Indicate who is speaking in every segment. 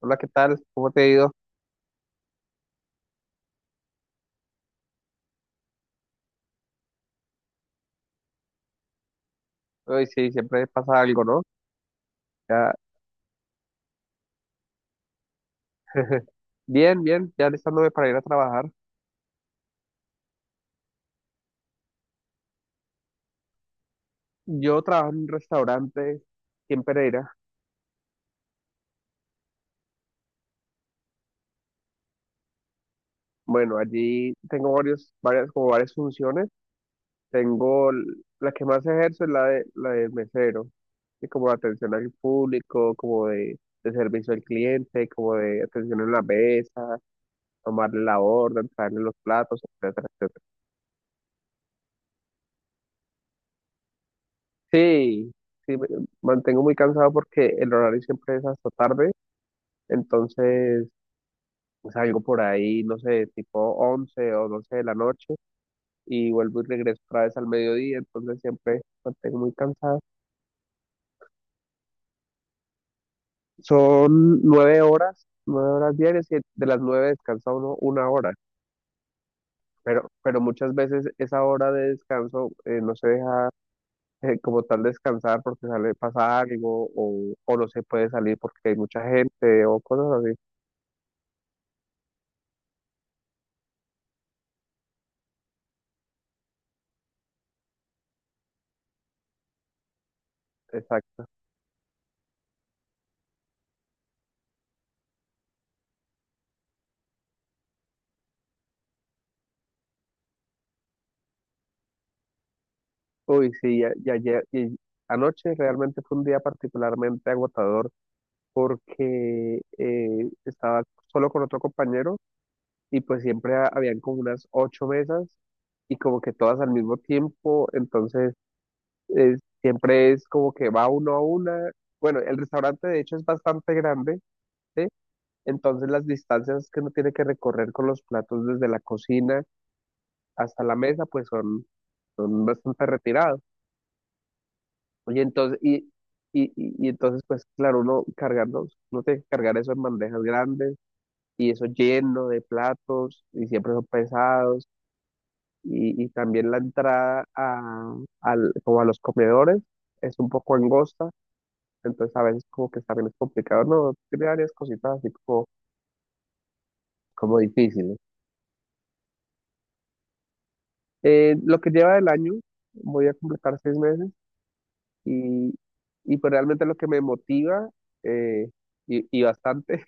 Speaker 1: Hola, ¿qué tal? ¿Cómo te ha ido? Hoy sí, siempre pasa algo, ¿no? Ya, bien, bien, ya listándome para ir a trabajar. Yo trabajo en un restaurante aquí en Pereira. Bueno, allí tengo varios, varias, como varias funciones. Tengo l- la que más ejerzo es la de mesero, y como de atención al público, como de servicio al cliente, como de atención en la mesa, tomarle la orden, traerle los platos, etcétera, etcétera. Sí, sí, mantengo muy cansado porque el horario siempre es hasta tarde, entonces pues, salgo por ahí, no sé, tipo 11 o 12 de la noche y vuelvo y regreso otra vez al mediodía, entonces siempre mantengo muy cansado. Son 9 horas, 9 horas diarias y de las nueve descansa uno una hora, pero muchas veces esa hora de descanso no se deja como tal descansar porque sale, pasa algo o no se puede salir porque hay mucha gente o cosas así. Exacto. Uy, sí, y anoche realmente fue un día particularmente agotador porque estaba solo con otro compañero y pues siempre habían como unas ocho mesas y como que todas al mismo tiempo, entonces eh, siempre es como que va uno a una. Bueno, el restaurante de hecho es bastante grande, ¿sí? Entonces las distancias que uno tiene que recorrer con los platos desde la cocina hasta la mesa pues son bastante retirados. Oye, entonces, y entonces, pues claro, uno cargarnos, no tiene que cargar eso en bandejas grandes y eso lleno de platos y siempre son pesados y, también la entrada como a los comedores es un poco angosta, entonces a veces como que también es complicado, ¿no? Tiene varias cositas así como difíciles. Lo que lleva del año, voy a completar 6 meses y, pues realmente lo que me motiva, eh, y bastante,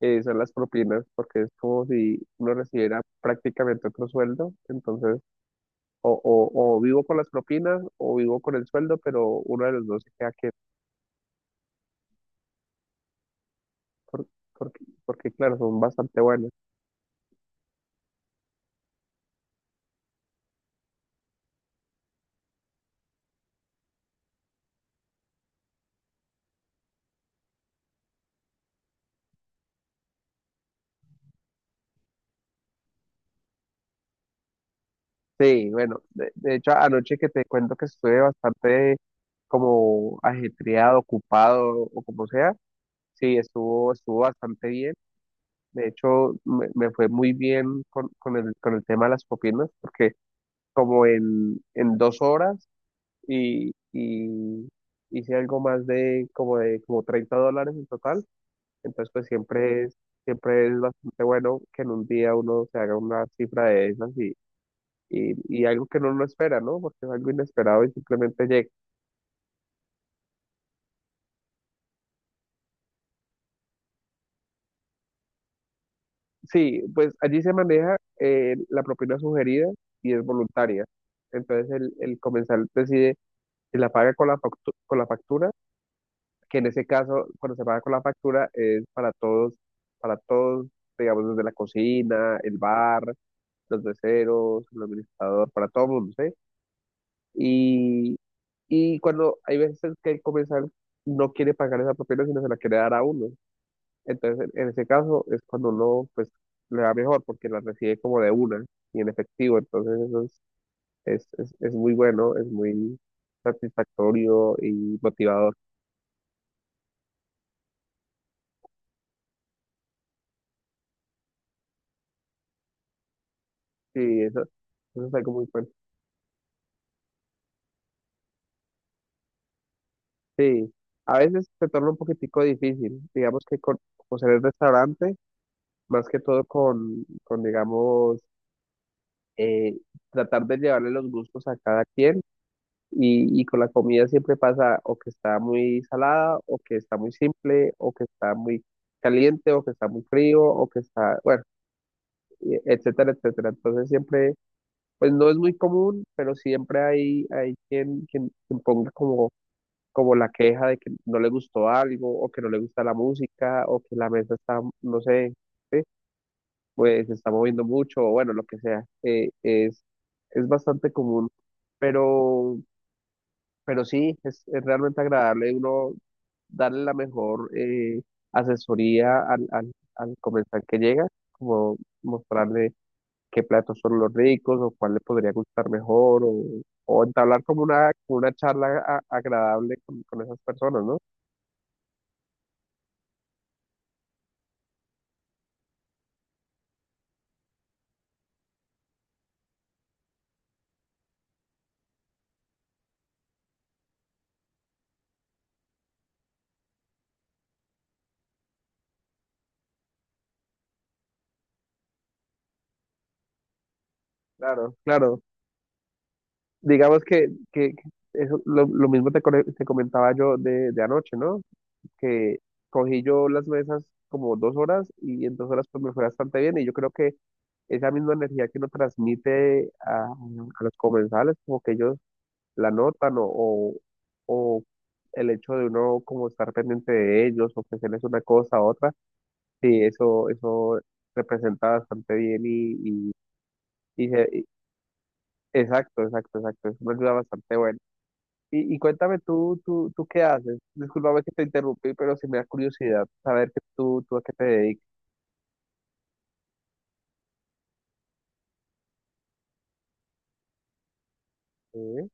Speaker 1: son las propinas, porque es como si uno recibiera prácticamente otro sueldo, entonces o vivo con las propinas o vivo con el sueldo, pero uno de los dos se queda que, por- porque claro, son bastante buenos. Sí, bueno, de hecho anoche que te cuento que estuve bastante como ajetreado, ocupado o como sea, sí, estuvo bastante bien. De hecho, me fue muy bien con el tema de las propinas, porque como en 2 horas y, hice algo más de como $30 en total. Entonces, pues siempre es bastante bueno que en un día uno se haga una cifra de esas y, y algo que uno no espera, ¿no? Porque es algo inesperado y simplemente llega. Sí, pues allí se maneja la propina sugerida y es voluntaria. Entonces el comensal decide si la paga con la factura, que en ese caso, cuando se paga con la factura, es para todos, digamos, desde la cocina, el bar, los meseros, el administrador, para todo el mundo, ¿sí? Y, cuando hay veces que el comensal no quiere pagar esa propina, sino se la quiere dar a uno. Entonces, en ese caso, es cuando uno, pues, le va mejor, porque la recibe como de una y en efectivo. Entonces, eso es muy bueno, es muy satisfactorio y motivador. Sí, eso es algo muy bueno. Sí, a veces se torna un poquitico difícil, digamos que con, como ser el restaurante, más que todo con digamos, eh, tratar de llevarle los gustos a cada quien y, con la comida siempre pasa o que está muy salada, o que está muy simple, o que está muy caliente, o que está muy frío, o que está, bueno, y etcétera, etcétera. Entonces siempre, pues no es muy común, pero siempre hay quien ponga como la queja de que no le gustó algo, o que no le gusta la música, o que la mesa está, no sé, ¿sí? Pues se está moviendo mucho, o bueno, lo que sea, es bastante común, pero, sí, es realmente agradable uno darle la mejor asesoría al comensal que llega, como mostrarle qué platos son los ricos, o cuál le podría gustar mejor, o entablar como una charla agradable con esas personas, ¿no? Claro, claro. Digamos que eso, lo mismo te comentaba yo de anoche, ¿no? Que cogí yo las mesas como 2 horas y en 2 horas pues me fue bastante bien y yo creo que esa misma energía que uno transmite a los comensales, como que ellos la notan o el hecho de uno como estar pendiente de ellos, ofrecerles una cosa a otra, sí, eso representa bastante bien y exacto, exacto, exacto, es una ayuda bastante buena. Y, cuéntame tú qué haces. Discúlpame que te interrumpí, pero sí me da curiosidad saber que tú a qué te dedicas. ¿Eh?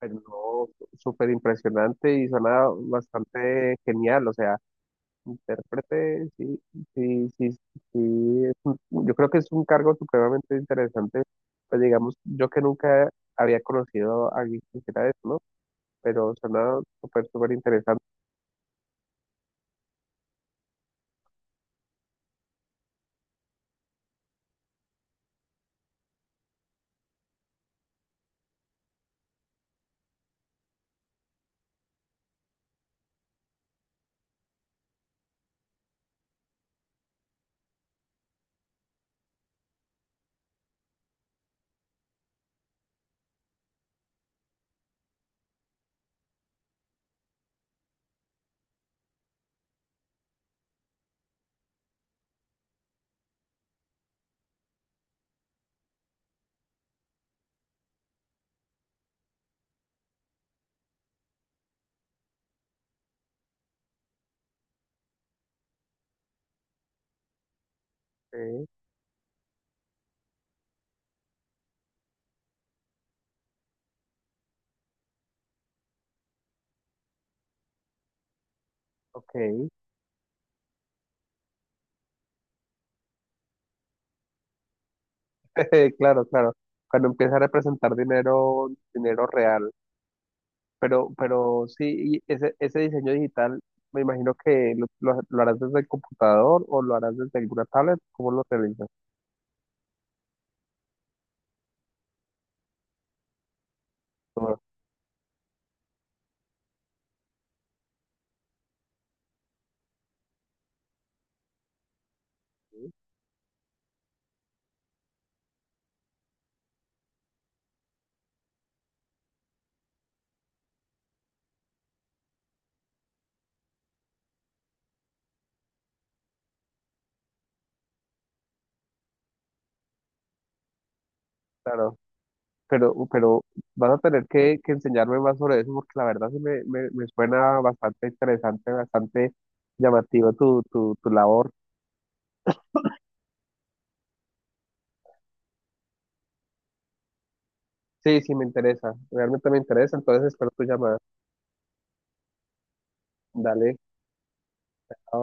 Speaker 1: Pero no, súper impresionante y suena bastante genial. O sea, intérprete, sí, sí, sí, sí. Yo creo que es un cargo supremamente interesante. Pues digamos, yo que nunca había conocido a alguien que hiciera eso, ¿no? Pero suena súper, súper interesante. ¿Eh? Ok, claro, claro. Cuando empieza a representar dinero, dinero real. Pero, sí, y ese diseño digital, me imagino que lo harás desde el computador o lo harás desde alguna tablet, ¿cómo lo realizas? No, claro, pero, vas a tener que enseñarme más sobre eso porque la verdad sí me suena bastante interesante, bastante llamativo tu labor. Sí, sí, me interesa, realmente me interesa, entonces espero tu llamada. Dale. Chao.